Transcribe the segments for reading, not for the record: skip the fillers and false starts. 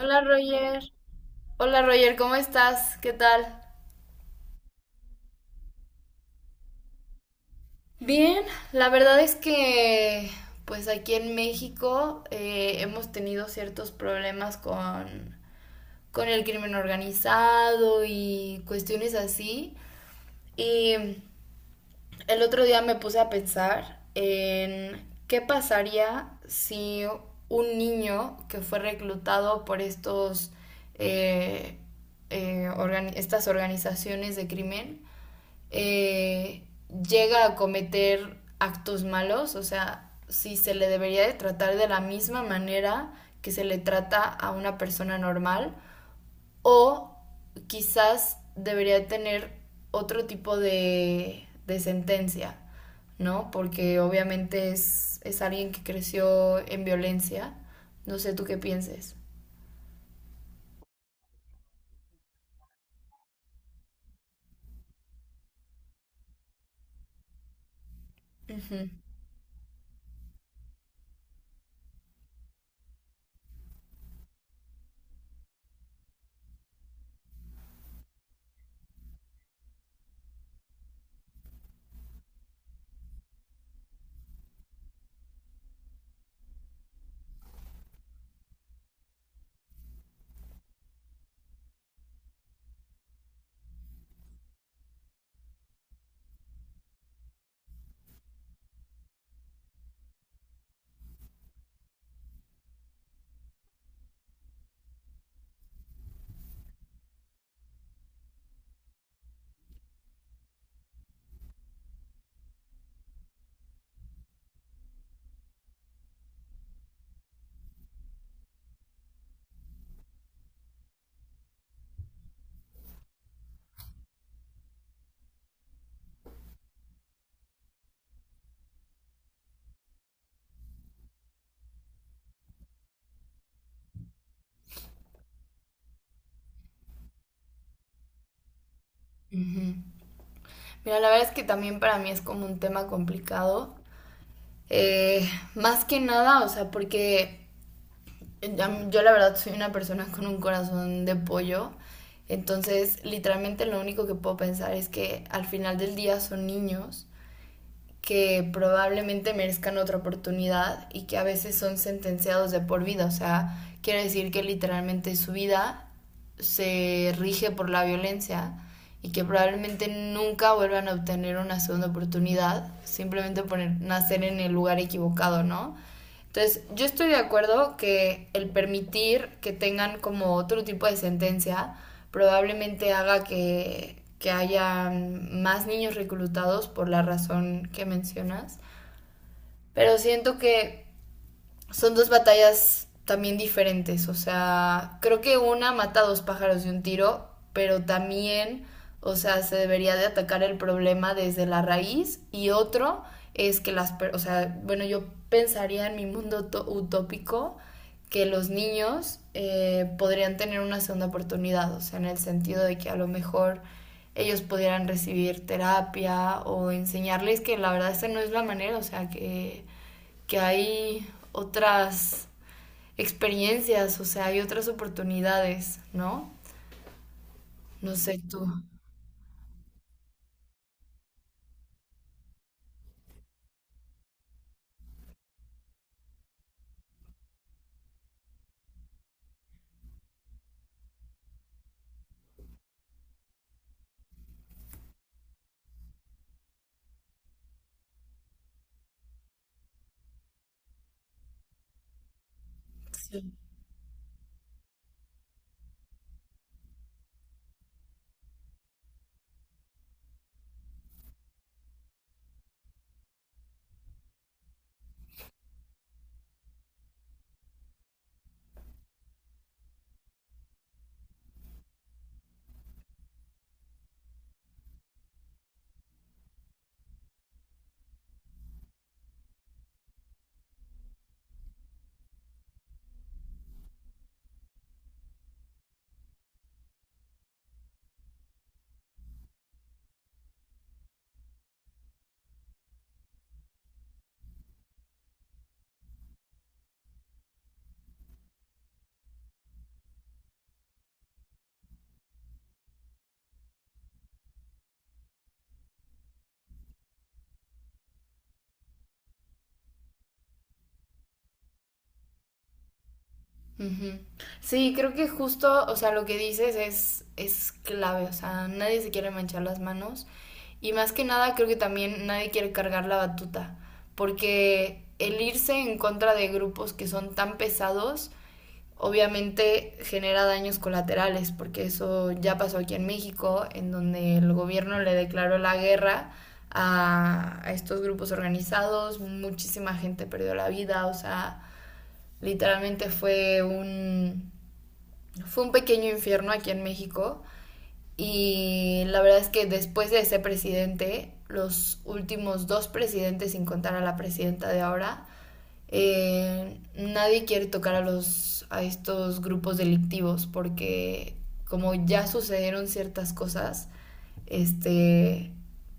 Hola Roger. Hola Roger, ¿cómo estás? ¿Qué tal? Bien, la verdad es que pues aquí en México hemos tenido ciertos problemas con el crimen organizado y cuestiones así. Y el otro día me puse a pensar en qué pasaría si un niño que fue reclutado por estos, eh, estas organizaciones de crimen eh, llega a cometer actos malos, o sea, si se le debería de tratar de la misma manera que se le trata a una persona normal, o quizás debería tener otro tipo de sentencia, ¿no? Porque obviamente es alguien que creció en violencia. No sé tú qué pienses. Ujú, ujú. Mira, la verdad es que también para mí es como un tema complicado. Eh, Más que nada, o sea, porque yo la verdad soy una persona con un corazón de pollo. Entonces, literalmente lo único que puedo pensar es que al final del día son niños que probablemente merezcan otra oportunidad y que a veces son sentenciados de por vida. O sea, quiere decir que literalmente su vida se rige por la violencia y que probablemente nunca vuelvan a obtener una segunda oportunidad simplemente por nacer en el lugar equivocado, ¿no? Entonces, yo estoy de acuerdo que el permitir que tengan como otro tipo de sentencia probablemente haga que haya más niños reclutados por la razón que mencionas. Pero siento que son dos batallas también diferentes. O sea, creo que una mata a dos pájaros de un tiro, pero también, o sea, se debería de atacar el problema desde la raíz. Y otro es que o sea, bueno, yo pensaría en mi mundo utópico que los niños podrían tener una segunda oportunidad, o sea, en el sentido de que a lo mejor ellos pudieran recibir terapia o enseñarles que la verdad esta no es la manera, o sea, que hay otras experiencias, o sea, hay otras oportunidades, ¿no? No sé tú. Sí. Ujú. Sí, creo que justo, o sea, lo que dices es clave, o sea, nadie se quiere manchar las manos y más que nada creo que también nadie quiere cargar la batuta, porque el irse en contra de grupos que son tan pesados obviamente genera daños colaterales, porque eso ya pasó aquí en México, en donde el gobierno le declaró la guerra a estos grupos organizados, muchísima gente perdió la vida, o sea, literalmente fue un pequeño infierno aquí en México. Y la verdad es que después de ese presidente, los últimos dos presidentes, sin contar a la presidenta de ahora, nadie quiere tocar a los a estos grupos delictivos porque como ya sucedieron ciertas cosas, este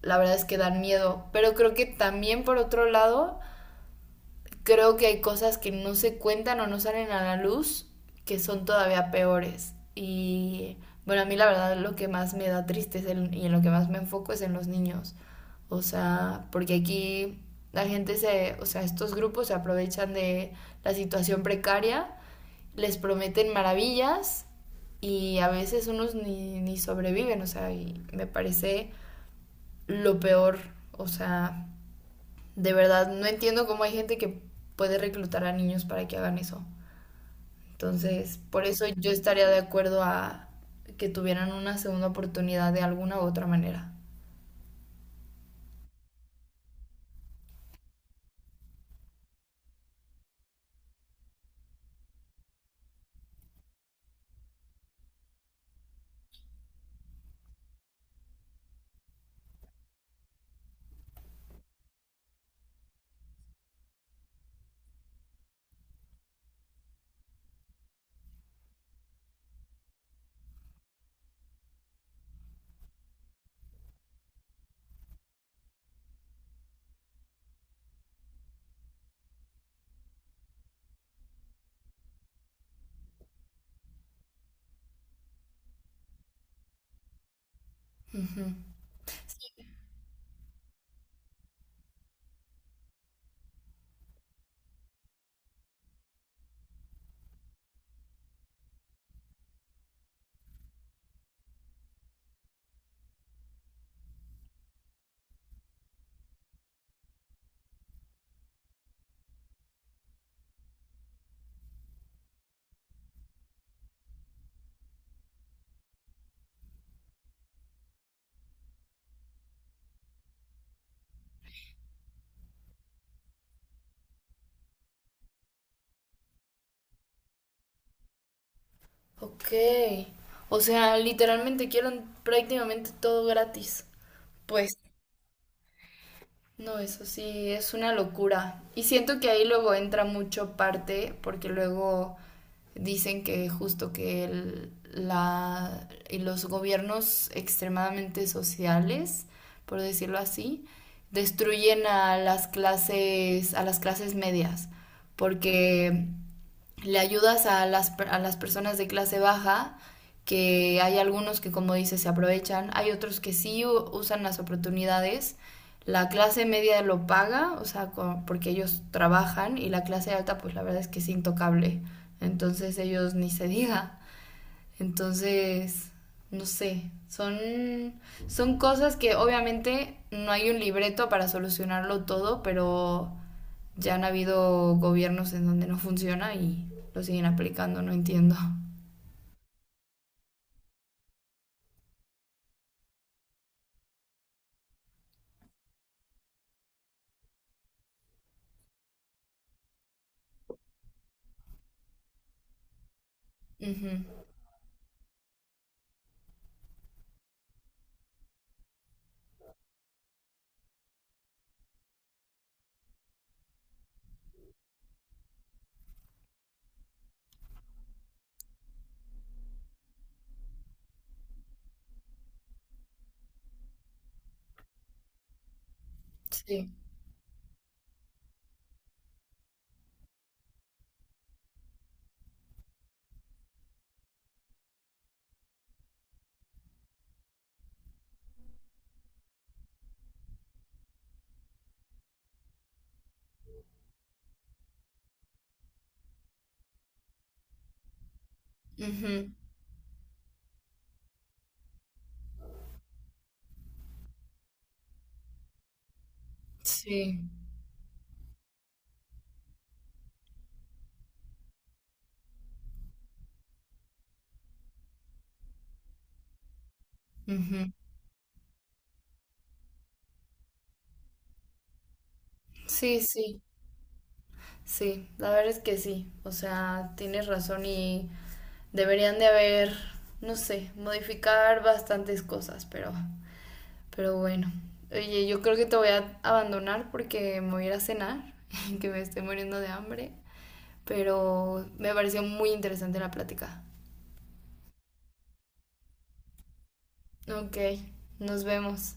la verdad es que dan miedo, pero creo que también por otro lado creo que hay cosas que no se cuentan o no salen a la luz que son todavía peores. Y bueno, a mí la verdad lo que más me da tristeza y en lo que más me enfoco es en los niños. O sea, porque aquí o sea, estos grupos se aprovechan de la situación precaria, les prometen maravillas y a veces unos ni sobreviven, o sea, y me parece lo peor, o sea, de verdad, no entiendo cómo hay gente que puede reclutar a niños para que hagan eso. Entonces, por eso yo estaría de acuerdo a que tuvieran una segunda oportunidad de alguna u otra manera. Ujú. Sí, ok. O sea, literalmente quieren prácticamente todo gratis. Pues, no, eso sí, es una locura. Y siento que ahí luego entra mucho parte, porque luego dicen que justo que el- la, y los gobiernos extremadamente sociales, por decirlo así, destruyen a las clases medias, porque le ayudas a a las personas de clase baja, que hay algunos que, como dices, se aprovechan, hay otros que sí usan las oportunidades. La clase media lo paga, o sea, porque ellos trabajan, y la clase alta, pues la verdad es que es intocable. Entonces ellos ni se diga. Entonces, no sé, son cosas que obviamente no hay un libreto para solucionarlo todo, pero ya han habido gobiernos en donde no funciona y lo siguen aplicando, no entiendo. Ujú, sí, ujú, sí, ujú. Sí, sí, sí, la verdad es que sí, o sea, tienes razón y deberían de haber, no sé, modificar bastantes cosas, pero... Pero bueno, oye, yo creo que te voy a abandonar porque me voy a ir a cenar, que me estoy muriendo de hambre. Pero me pareció muy interesante la plática. Ok, nos vemos.